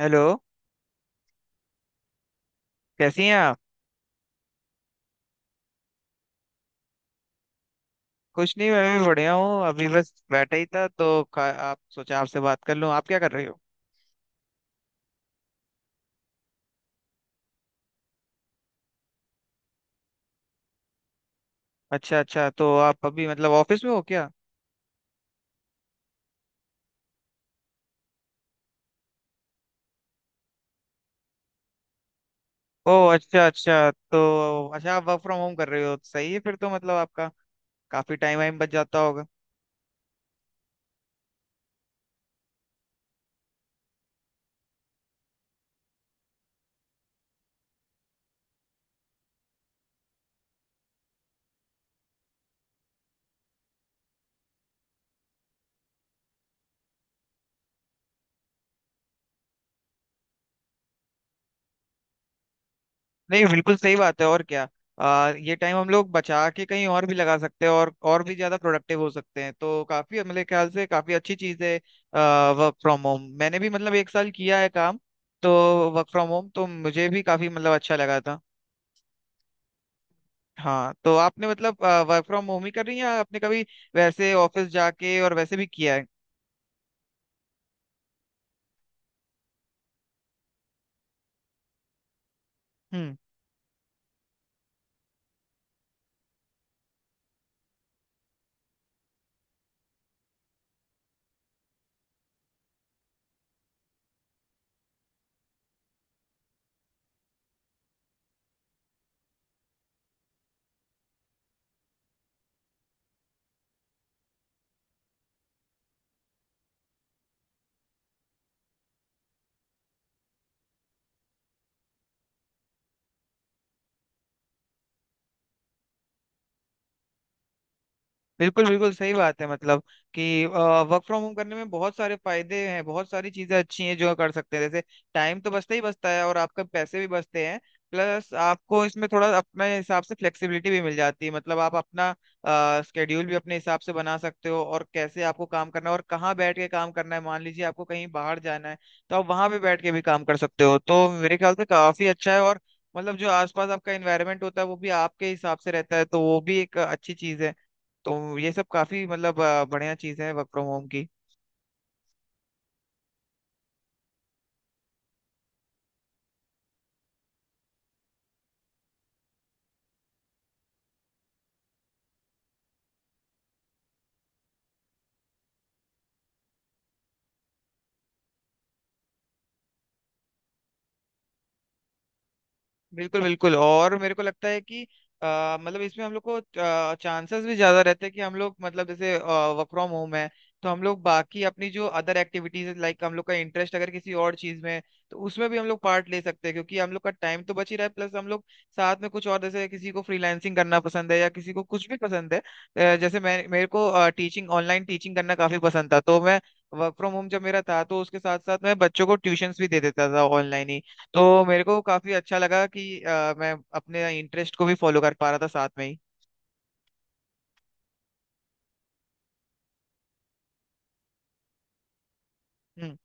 Hello. कैसी हैं आप? कुछ नहीं, मैं भी बढ़िया हूँ। अभी बस बैठा ही था तो आप सोचा आपसे बात कर लूँ। आप क्या कर रहे हो? अच्छा अच्छा, तो आप अभी मतलब ऑफिस में हो क्या? ओह, अच्छा अच्छा। तो अच्छा, आप वर्क फ्रॉम होम कर रहे हो तो सही है फिर, तो मतलब आपका काफी टाइम वाइम बच जाता होगा। नहीं बिल्कुल सही बात है, और क्या। ये टाइम हम लोग बचा के कहीं और भी लगा सकते हैं और भी ज्यादा प्रोडक्टिव हो सकते हैं, तो काफी, मेरे ख्याल से काफी अच्छी चीज है वर्क फ्रॉम होम। मैंने भी मतलब एक साल किया है काम, तो वर्क फ्रॉम होम तो मुझे भी काफी मतलब अच्छा लगा था। हाँ, तो आपने मतलब वर्क फ्रॉम होम ही कर रही हैं या आपने कभी वैसे ऑफिस जाके और वैसे भी किया है? हम्म। बिल्कुल बिल्कुल सही बात है मतलब, कि वर्क फ्रॉम होम करने में बहुत सारे फायदे हैं, बहुत सारी चीजें अच्छी हैं जो कर सकते हैं। जैसे टाइम तो बचता ही बचता है और आपका पैसे भी बचते हैं। प्लस आपको इसमें थोड़ा अपने हिसाब से फ्लेक्सिबिलिटी भी मिल जाती है, मतलब आप अपना स्केड्यूल भी अपने हिसाब से बना सकते हो, और कैसे आपको काम करना है और कहाँ बैठ के काम करना है। मान लीजिए आपको कहीं बाहर जाना है तो आप वहां पे बैठ के भी काम कर सकते हो, तो मेरे ख्याल से काफी अच्छा है। और मतलब जो आसपास आपका एनवायरनमेंट होता है वो भी आपके हिसाब से रहता है, तो वो भी एक अच्छी चीज है। तो ये सब काफी मतलब बढ़िया चीज है वर्क फ्रॉम होम की। बिल्कुल बिल्कुल। और मेरे को लगता है कि मतलब इसमें हम लोग को चांसेस भी ज्यादा रहते हैं कि हम लोग मतलब, जैसे वर्क फ्रॉम होम है, तो हम लोग बाकी अपनी जो अदर एक्टिविटीज, लाइक हम लोग का इंटरेस्ट अगर किसी और चीज में है, तो उसमें भी हम लोग पार्ट ले सकते हैं, क्योंकि हम लोग का टाइम तो बच ही रहा है। प्लस हम लोग साथ में कुछ और, जैसे किसी को फ्रीलांसिंग करना पसंद है या किसी को कुछ भी पसंद है। जैसे मैं, मेरे को टीचिंग, ऑनलाइन टीचिंग करना काफी पसंद था, तो मैं, वर्क फ्रॉम होम जब मेरा था तो उसके साथ साथ मैं बच्चों को ट्यूशंस भी दे देता था ऑनलाइन ही। तो मेरे को काफी अच्छा लगा कि मैं अपने इंटरेस्ट को भी फॉलो कर पा रहा था साथ में ही। हम्म।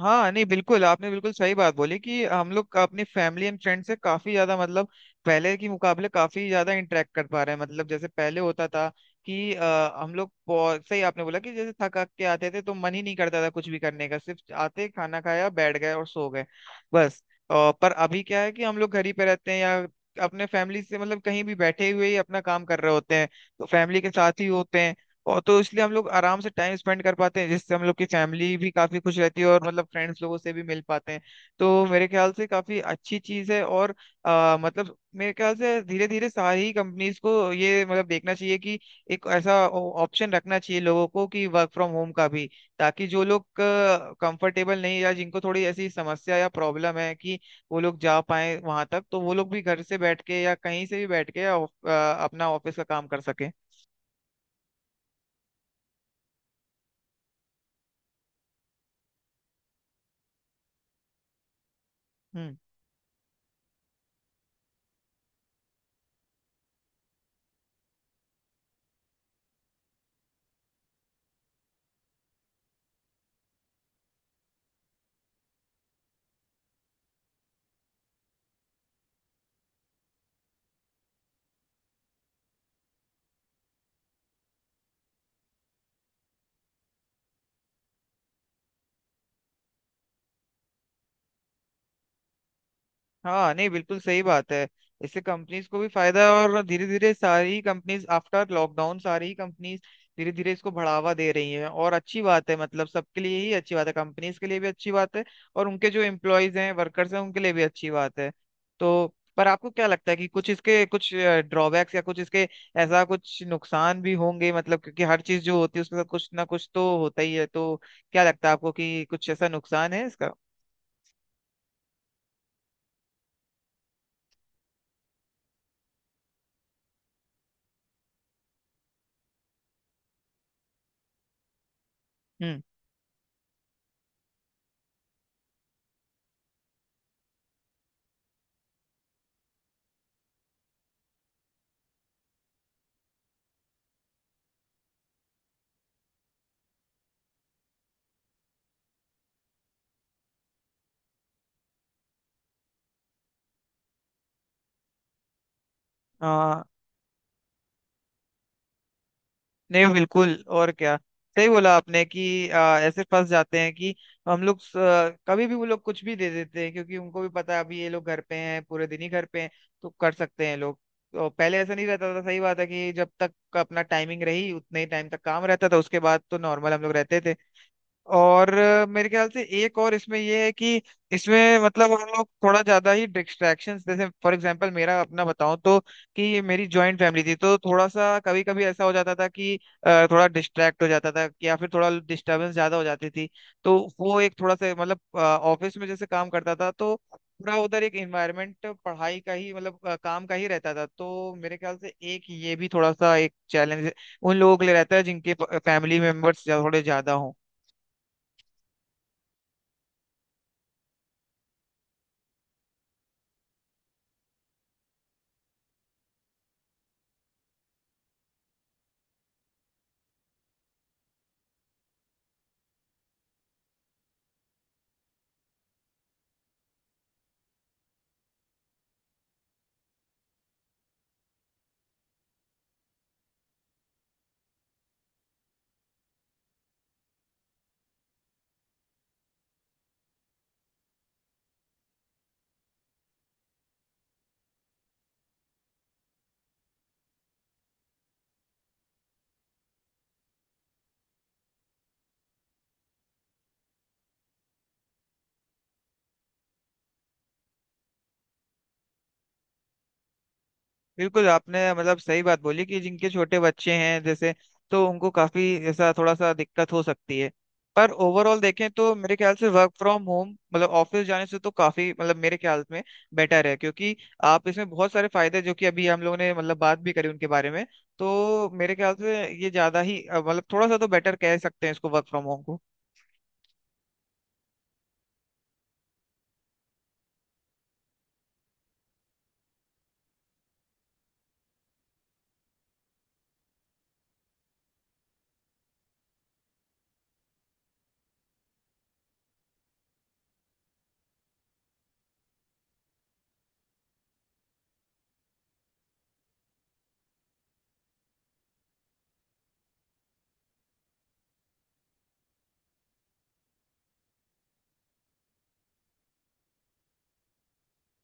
हाँ नहीं बिल्कुल, आपने बिल्कुल सही बात बोली कि हम लोग का अपनी फैमिली एंड फ्रेंड से काफी ज्यादा, मतलब पहले के मुकाबले काफी ज्यादा इंटरेक्ट कर पा रहे हैं। मतलब जैसे पहले होता था कि हम लोग सही आपने बोला कि जैसे थक हक के आते थे तो मन ही नहीं करता था कुछ भी करने का, सिर्फ आते खाना खाया बैठ गए और सो गए, बस। अ, पर अभी क्या है कि हम लोग घर ही पे रहते हैं या अपने फैमिली से मतलब कहीं भी बैठे हुए ही अपना काम कर रहे होते हैं, तो फैमिली के साथ ही होते हैं। और तो इसलिए हम लोग आराम से टाइम स्पेंड कर पाते हैं, जिससे हम लोग की फैमिली भी काफी खुश रहती है, और मतलब फ्रेंड्स लोगों से भी मिल पाते हैं। तो मेरे ख्याल से काफी अच्छी चीज है। और मतलब मेरे ख्याल से धीरे धीरे सारी कंपनीज को ये मतलब देखना चाहिए कि एक ऐसा ऑप्शन रखना चाहिए लोगों को कि वर्क फ्रॉम होम का भी, ताकि जो लोग कंफर्टेबल नहीं या जिनको थोड़ी ऐसी समस्या या प्रॉब्लम है कि वो लोग जा पाए वहां तक, तो वो लोग भी घर से बैठ के या कहीं से भी बैठ के या, अपना ऑफिस का काम कर सके। हम्म। हाँ नहीं बिल्कुल सही बात है, इससे कंपनीज को भी फायदा है। और धीरे धीरे सारी कंपनीज आफ्टर लॉकडाउन सारी कंपनीज धीरे धीरे इसको बढ़ावा दे रही हैं, और अच्छी बात है, मतलब सबके लिए ही अच्छी बात है, कंपनीज के लिए भी अच्छी बात है, और उनके जो एम्प्लॉयज हैं, वर्कर्स हैं, उनके लिए भी अच्छी बात है। तो पर आपको क्या लगता है कि कुछ इसके कुछ ड्रॉबैक्स या कुछ इसके ऐसा कुछ नुकसान भी होंगे, मतलब क्योंकि हर चीज जो होती है उसके साथ कुछ ना कुछ तो होता ही है, तो क्या लगता है आपको कि कुछ ऐसा नुकसान है इसका? हम्म। नहीं बिल्कुल, और क्या। सही बोला आपने कि ऐसे फंस जाते हैं कि हम लोग कभी भी वो लोग कुछ भी दे देते हैं, क्योंकि उनको भी पता है अभी ये लोग घर पे हैं, पूरे दिन ही घर पे हैं, तो कर सकते हैं लोग। तो पहले ऐसा नहीं रहता था, सही बात है कि जब तक अपना टाइमिंग रही उतने ही टाइम तक काम रहता था, उसके बाद तो नॉर्मल हम लोग रहते थे। और मेरे ख्याल से एक और इसमें ये है कि इसमें मतलब हम लोग थोड़ा ज्यादा ही डिस्ट्रैक्शंस, जैसे फॉर एग्जांपल मेरा अपना बताऊं, तो कि मेरी जॉइंट फैमिली थी तो थोड़ा सा कभी कभी ऐसा हो जाता था कि थोड़ा डिस्ट्रैक्ट हो जाता था या फिर थोड़ा डिस्टर्बेंस ज्यादा हो जाती थी। तो वो एक थोड़ा सा मतलब, ऑफिस में जैसे काम करता था तो पूरा उधर एक एनवायरनमेंट पढ़ाई का ही मतलब काम का ही रहता था। तो मेरे ख्याल से एक ये भी थोड़ा सा एक चैलेंज उन लोगों के लिए रहता है जिनके फैमिली मेंबर्स थोड़े ज्यादा हों। बिल्कुल, आपने मतलब सही बात बोली कि जिनके छोटे बच्चे हैं जैसे, तो उनको काफी ऐसा थोड़ा सा दिक्कत हो सकती है। पर ओवरऑल देखें तो मेरे ख्याल से वर्क फ्रॉम होम, मतलब ऑफिस जाने से तो काफी मतलब, मेरे ख्याल में बेटर है, क्योंकि आप इसमें बहुत सारे फायदे जो कि अभी हम लोगों ने मतलब बात भी करी उनके बारे में। तो मेरे ख्याल से ये ज्यादा ही मतलब थोड़ा सा तो बेटर कह सकते हैं इसको, वर्क फ्रॉम होम को।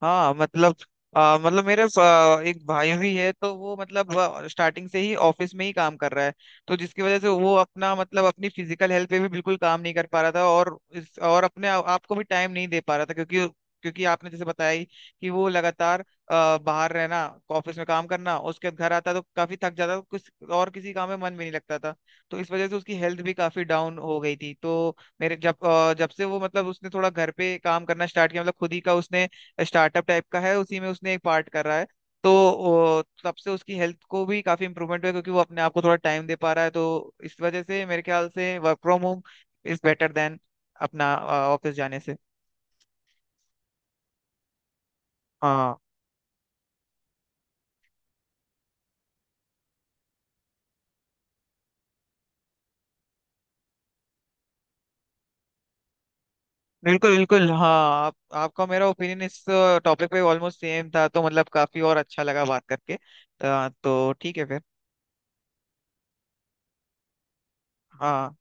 हाँ मतलब मतलब मेरे एक भाई भी है, तो वो मतलब स्टार्टिंग से ही ऑफिस में ही काम कर रहा है, तो जिसकी वजह से वो अपना मतलब अपनी फिजिकल हेल्थ पे भी बिल्कुल काम नहीं कर पा रहा था, और इस और अपने आपको भी टाइम नहीं दे पा रहा था, क्योंकि, आपने जैसे बताया ही कि वो लगातार बाहर रहना, ऑफिस में काम करना, उसके बाद घर आता तो काफी थक जाता तो कुछ और किसी काम में मन भी नहीं लगता था। तो इस वजह से उसकी हेल्थ भी काफी डाउन हो गई थी। तो मेरे जब से वो मतलब उसने थोड़ा घर पे काम करना स्टार्ट किया, मतलब खुद ही का उसने स्टार्टअप टाइप का है, उसी में उसने एक पार्ट कर रहा है, तो तब से उसकी हेल्थ को भी काफी इम्प्रूवमेंट हुआ है, क्योंकि वो अपने आप को थोड़ा टाइम दे पा रहा है, तो इस वजह से मेरे ख्याल से work from home is better than अपना ऑफिस जाने से। हाँ, बिल्कुल बिल्कुल, हाँ। आपका मेरा ओपिनियन इस टॉपिक पे ऑलमोस्ट सेम था, तो मतलब काफी और अच्छा लगा बात करके। तो ठीक है फिर। हाँ।